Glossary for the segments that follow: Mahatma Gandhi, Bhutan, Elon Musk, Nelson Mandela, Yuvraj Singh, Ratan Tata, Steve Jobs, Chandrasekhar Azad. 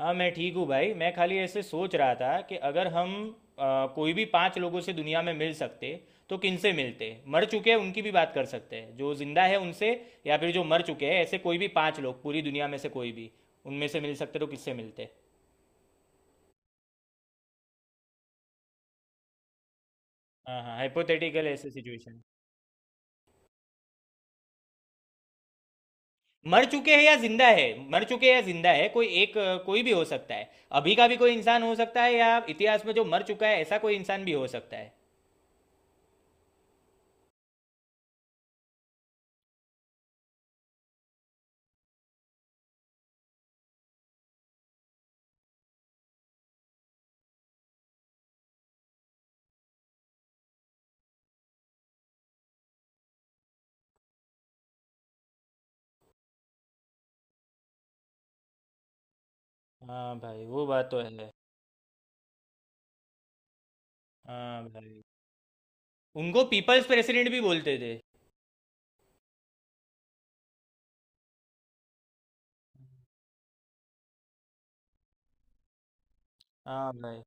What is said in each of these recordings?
हाँ, मैं ठीक हूँ भाई। मैं खाली ऐसे सोच रहा था कि अगर हम कोई भी पांच लोगों से दुनिया में मिल सकते तो किनसे मिलते? मर चुके हैं उनकी भी बात कर सकते हैं, जो जिंदा है उनसे या फिर जो मर चुके हैं, ऐसे कोई भी पांच लोग पूरी दुनिया में से, कोई भी उनमें से मिल सकते तो किससे मिलते? हाँ हाँ, हाइपोथेटिकल ऐसे सिचुएशन। मर चुके हैं या जिंदा है, मर चुके हैं या जिंदा है, कोई एक, कोई भी हो सकता है। अभी का भी कोई इंसान हो सकता है, या इतिहास में जो मर चुका है ऐसा कोई इंसान भी हो सकता है। हाँ भाई, वो बात तो है। हाँ भाई। उनको पीपल्स प्रेसिडेंट भी बोलते थे। हाँ भाई।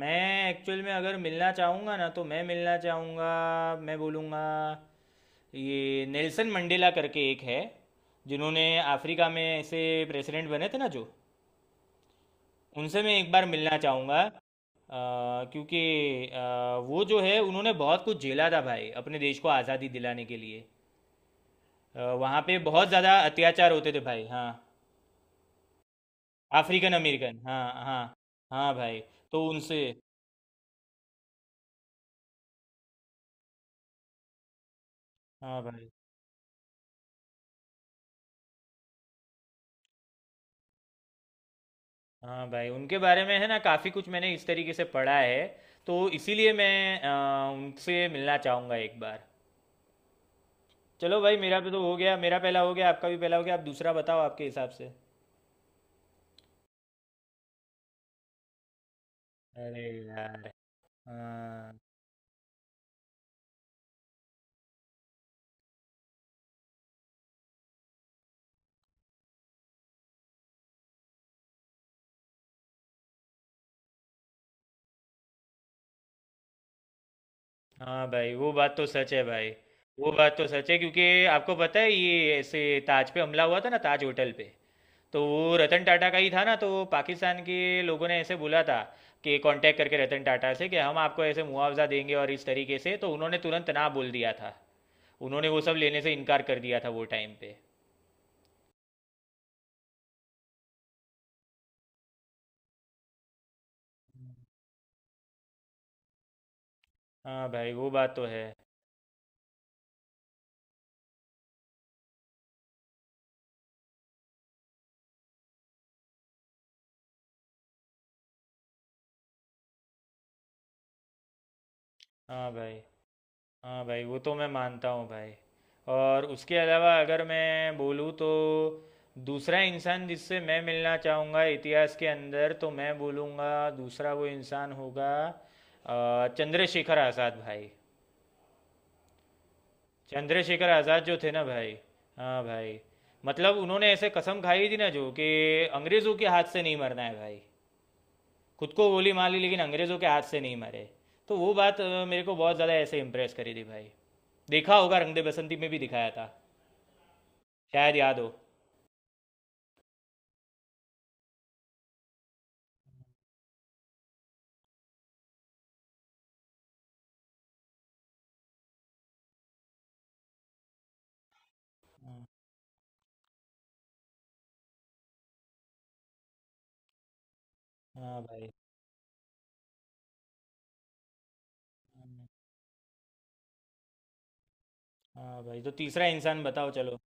मैं एक्चुअल में अगर मिलना चाहूँगा ना, तो मैं मिलना चाहूँगा, मैं बोलूँगा, ये नेल्सन मंडेला करके एक है, जिन्होंने अफ्रीका में ऐसे प्रेसिडेंट बने थे ना, जो उनसे मैं एक बार मिलना चाहूँगा। क्योंकि वो जो है, उन्होंने बहुत कुछ झेला था भाई अपने देश को आज़ादी दिलाने के लिए। वहाँ पे बहुत ज़्यादा अत्याचार होते थे भाई। हाँ। African American. हाँ हाँ। हाँ भाई, तो उनसे। हाँ भाई। हाँ भाई, उनके बारे में है ना काफ़ी कुछ मैंने इस तरीके से पढ़ा है। तो इसीलिए मैं उनसे मिलना चाहूँगा एक बार। चलो भाई, मेरा भी तो हो गया, मेरा पहला हो गया, आपका भी पहला हो गया, आप दूसरा बताओ आपके हिसाब से। अरे यार। हाँ। हाँ भाई, वो बात तो सच है भाई, वो बात तो सच है, क्योंकि आपको पता है, ये ऐसे ताज पे हमला हुआ था ना, ताज होटल पे, तो वो रतन टाटा का ही था ना, तो पाकिस्तान के लोगों ने ऐसे बोला था कि कांटेक्ट करके रतन टाटा से कि हम आपको ऐसे मुआवजा देंगे और इस तरीके से, तो उन्होंने तुरंत ना बोल दिया था, उन्होंने वो सब लेने से इनकार कर दिया था वो टाइम पे। हाँ भाई, वो बात तो है। हाँ भाई। हाँ भाई, वो तो मैं मानता हूँ भाई। और उसके अलावा अगर मैं बोलूँ तो, दूसरा इंसान जिससे मैं मिलना चाहूँगा इतिहास के अंदर, तो मैं बोलूँगा, दूसरा वो इंसान होगा चंद्रशेखर आज़ाद भाई। चंद्रशेखर आज़ाद जो थे ना भाई, हाँ भाई, मतलब उन्होंने ऐसे कसम खाई थी ना, जो कि अंग्रेज़ों के हाथ से नहीं मरना है भाई। खुद को गोली मार ली, लेकिन अंग्रेज़ों के हाथ से नहीं मरे। तो वो बात मेरे को बहुत ज़्यादा ऐसे इम्प्रेस करी थी भाई। देखा होगा, रंग दे बसंती में भी दिखाया था, शायद याद हो। हाँ। हाँ भाई। हाँ भाई, तो तीसरा इंसान बताओ चलो।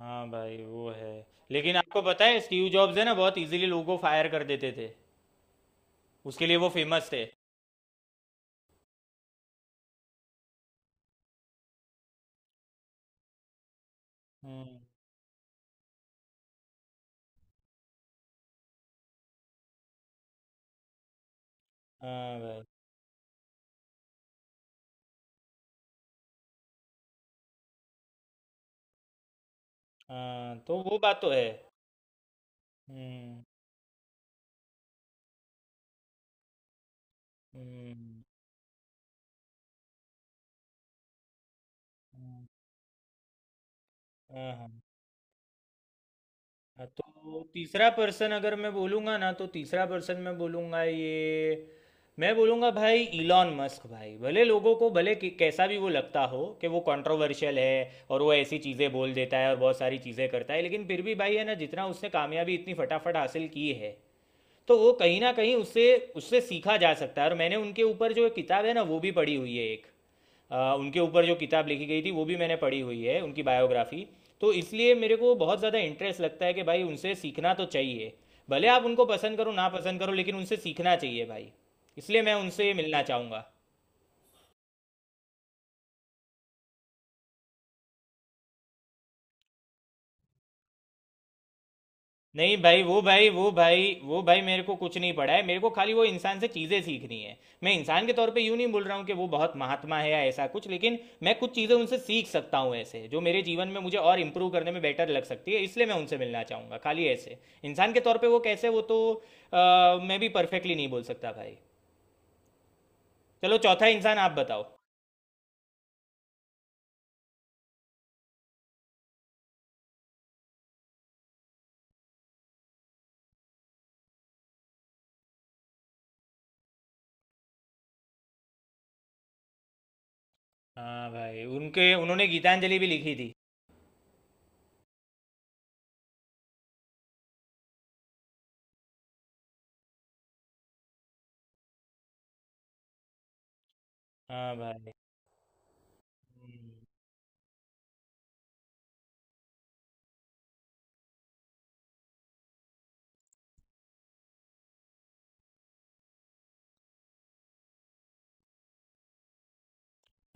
हाँ भाई, वो है। लेकिन आपको पता है, स्टीव जॉब्स है ना, बहुत इजीली लोगों को फायर कर देते थे, उसके लिए वो फेमस थे। हम्म। हाँ भाई। हाँ, तो वो बात तो है। हम्म। हम्म। हम्म। हाँ हाँ। हाँ, तो तीसरा पर्सन अगर मैं बोलूँगा ना, तो तीसरा पर्सन मैं बोलूँगा, ये मैं बोलूँगा भाई इलॉन मस्क भाई। भले लोगों को भले कैसा भी वो लगता हो कि वो कंट्रोवर्शियल है और वो ऐसी चीज़ें बोल देता है और बहुत सारी चीज़ें करता है, लेकिन फिर भी भाई है ना, जितना उसने कामयाबी इतनी फटाफट हासिल की है, तो वो कहीं ना कहीं उससे, सीखा जा सकता है। और मैंने उनके ऊपर जो एक किताब है ना, वो भी पढ़ी हुई है एक। उनके ऊपर जो किताब लिखी गई थी वो भी मैंने पढ़ी हुई है, उनकी बायोग्राफी। तो इसलिए मेरे को बहुत ज़्यादा इंटरेस्ट लगता है कि भाई उनसे सीखना तो चाहिए। भले आप उनको पसंद करो ना पसंद करो, लेकिन उनसे सीखना चाहिए भाई। इसलिए मैं उनसे मिलना चाहूँगा। नहीं भाई, वो भाई, मेरे को कुछ नहीं पड़ा है, मेरे को खाली वो इंसान से चीज़ें सीखनी है। मैं इंसान के तौर पे यूँ नहीं बोल रहा हूँ कि वो बहुत महात्मा है या ऐसा कुछ, लेकिन मैं कुछ चीज़ें उनसे सीख सकता हूँ ऐसे, जो मेरे जीवन में मुझे और इम्प्रूव करने में बेटर लग सकती है, इसलिए मैं उनसे मिलना चाहूँगा खाली ऐसे। इंसान के तौर पर वो कैसे, वो तो मैं भी परफेक्टली नहीं बोल सकता भाई। चलो, चौथा इंसान आप बताओ। हाँ भाई, उनके उन्होंने गीतांजलि भी लिखी थी। हाँ भाई।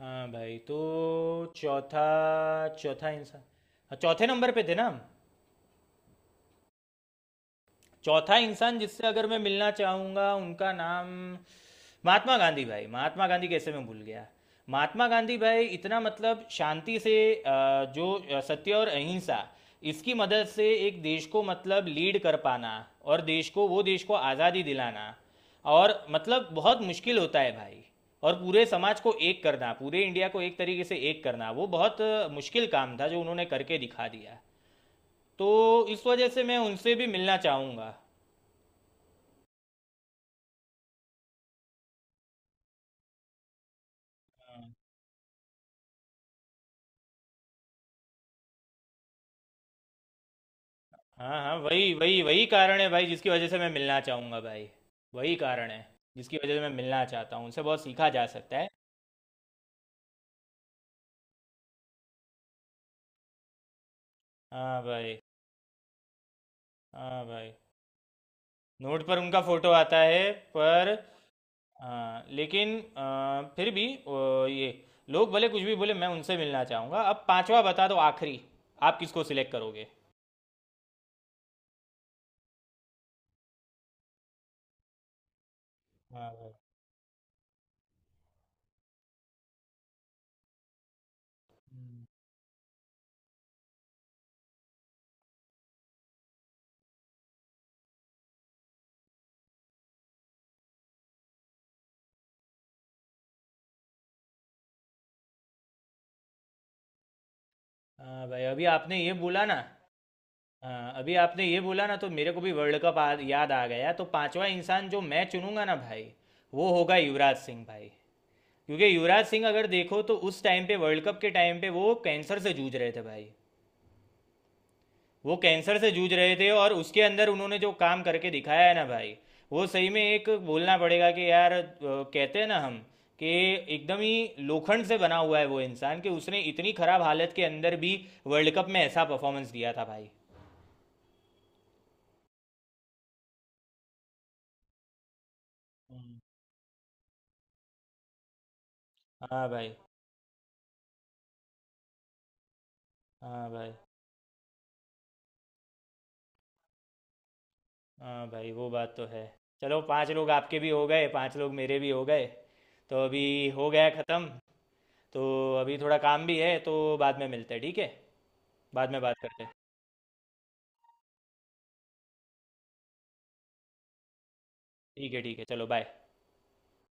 हाँ भाई, तो चौथा, चौथा इंसान। हाँ, चौथे नंबर पे थे ना हम। चौथा इंसान जिससे अगर मैं मिलना चाहूंगा, उनका नाम महात्मा गांधी भाई। महात्मा गांधी, कैसे मैं भूल गया। महात्मा गांधी भाई, इतना मतलब शांति से, जो सत्य और अहिंसा, इसकी मदद से एक देश को मतलब लीड कर पाना और देश को आज़ादी दिलाना, और मतलब बहुत मुश्किल होता है भाई। और पूरे समाज को एक करना, पूरे इंडिया को एक तरीके से एक करना, वो बहुत मुश्किल काम था जो उन्होंने करके दिखा दिया। तो इस वजह से मैं उनसे भी मिलना चाहूँगा। हाँ हाँ, वही वही वही कारण है भाई, जिसकी वजह से मैं मिलना चाहूँगा भाई। वही कारण है जिसकी वजह से मैं मिलना चाहता हूँ उनसे, बहुत सीखा जा सकता है। हाँ भाई। हाँ भाई। नोट पर उनका फोटो आता है पर। हाँ, लेकिन फिर भी ये लोग भले कुछ भी बोले, मैं उनसे मिलना चाहूँगा। अब पांचवा बता दो, आखिरी, आप किसको सिलेक्ट करोगे? हाँ भाई। हम्म। हाँ भाई, अभी आपने ये बोला ना। हाँ, अभी आपने ये बोला ना, तो मेरे को भी वर्ल्ड कप याद आ गया, तो पांचवा इंसान जो मैं चुनूंगा ना भाई, वो होगा युवराज सिंह भाई। क्योंकि युवराज सिंह अगर देखो, तो उस टाइम पे, वर्ल्ड कप के टाइम पे वो कैंसर से जूझ रहे थे भाई। वो कैंसर से जूझ रहे थे, और उसके अंदर उन्होंने जो काम करके दिखाया है ना भाई, वो सही में एक बोलना पड़ेगा कि यार, कहते हैं ना हम कि एकदम ही लोखंड से बना हुआ है वो इंसान, कि उसने इतनी खराब हालत के अंदर भी वर्ल्ड कप में ऐसा परफॉर्मेंस दिया था भाई। हाँ भाई। हाँ भाई। हाँ भाई, वो बात तो है। चलो, पांच लोग आपके भी हो गए, पांच लोग मेरे भी हो गए, तो अभी हो गया ख़त्म। तो अभी थोड़ा काम भी है, तो बाद में मिलते हैं, ठीक है? बाद में बात करते हैं। ठीक है, ठीक है, चलो, बाय।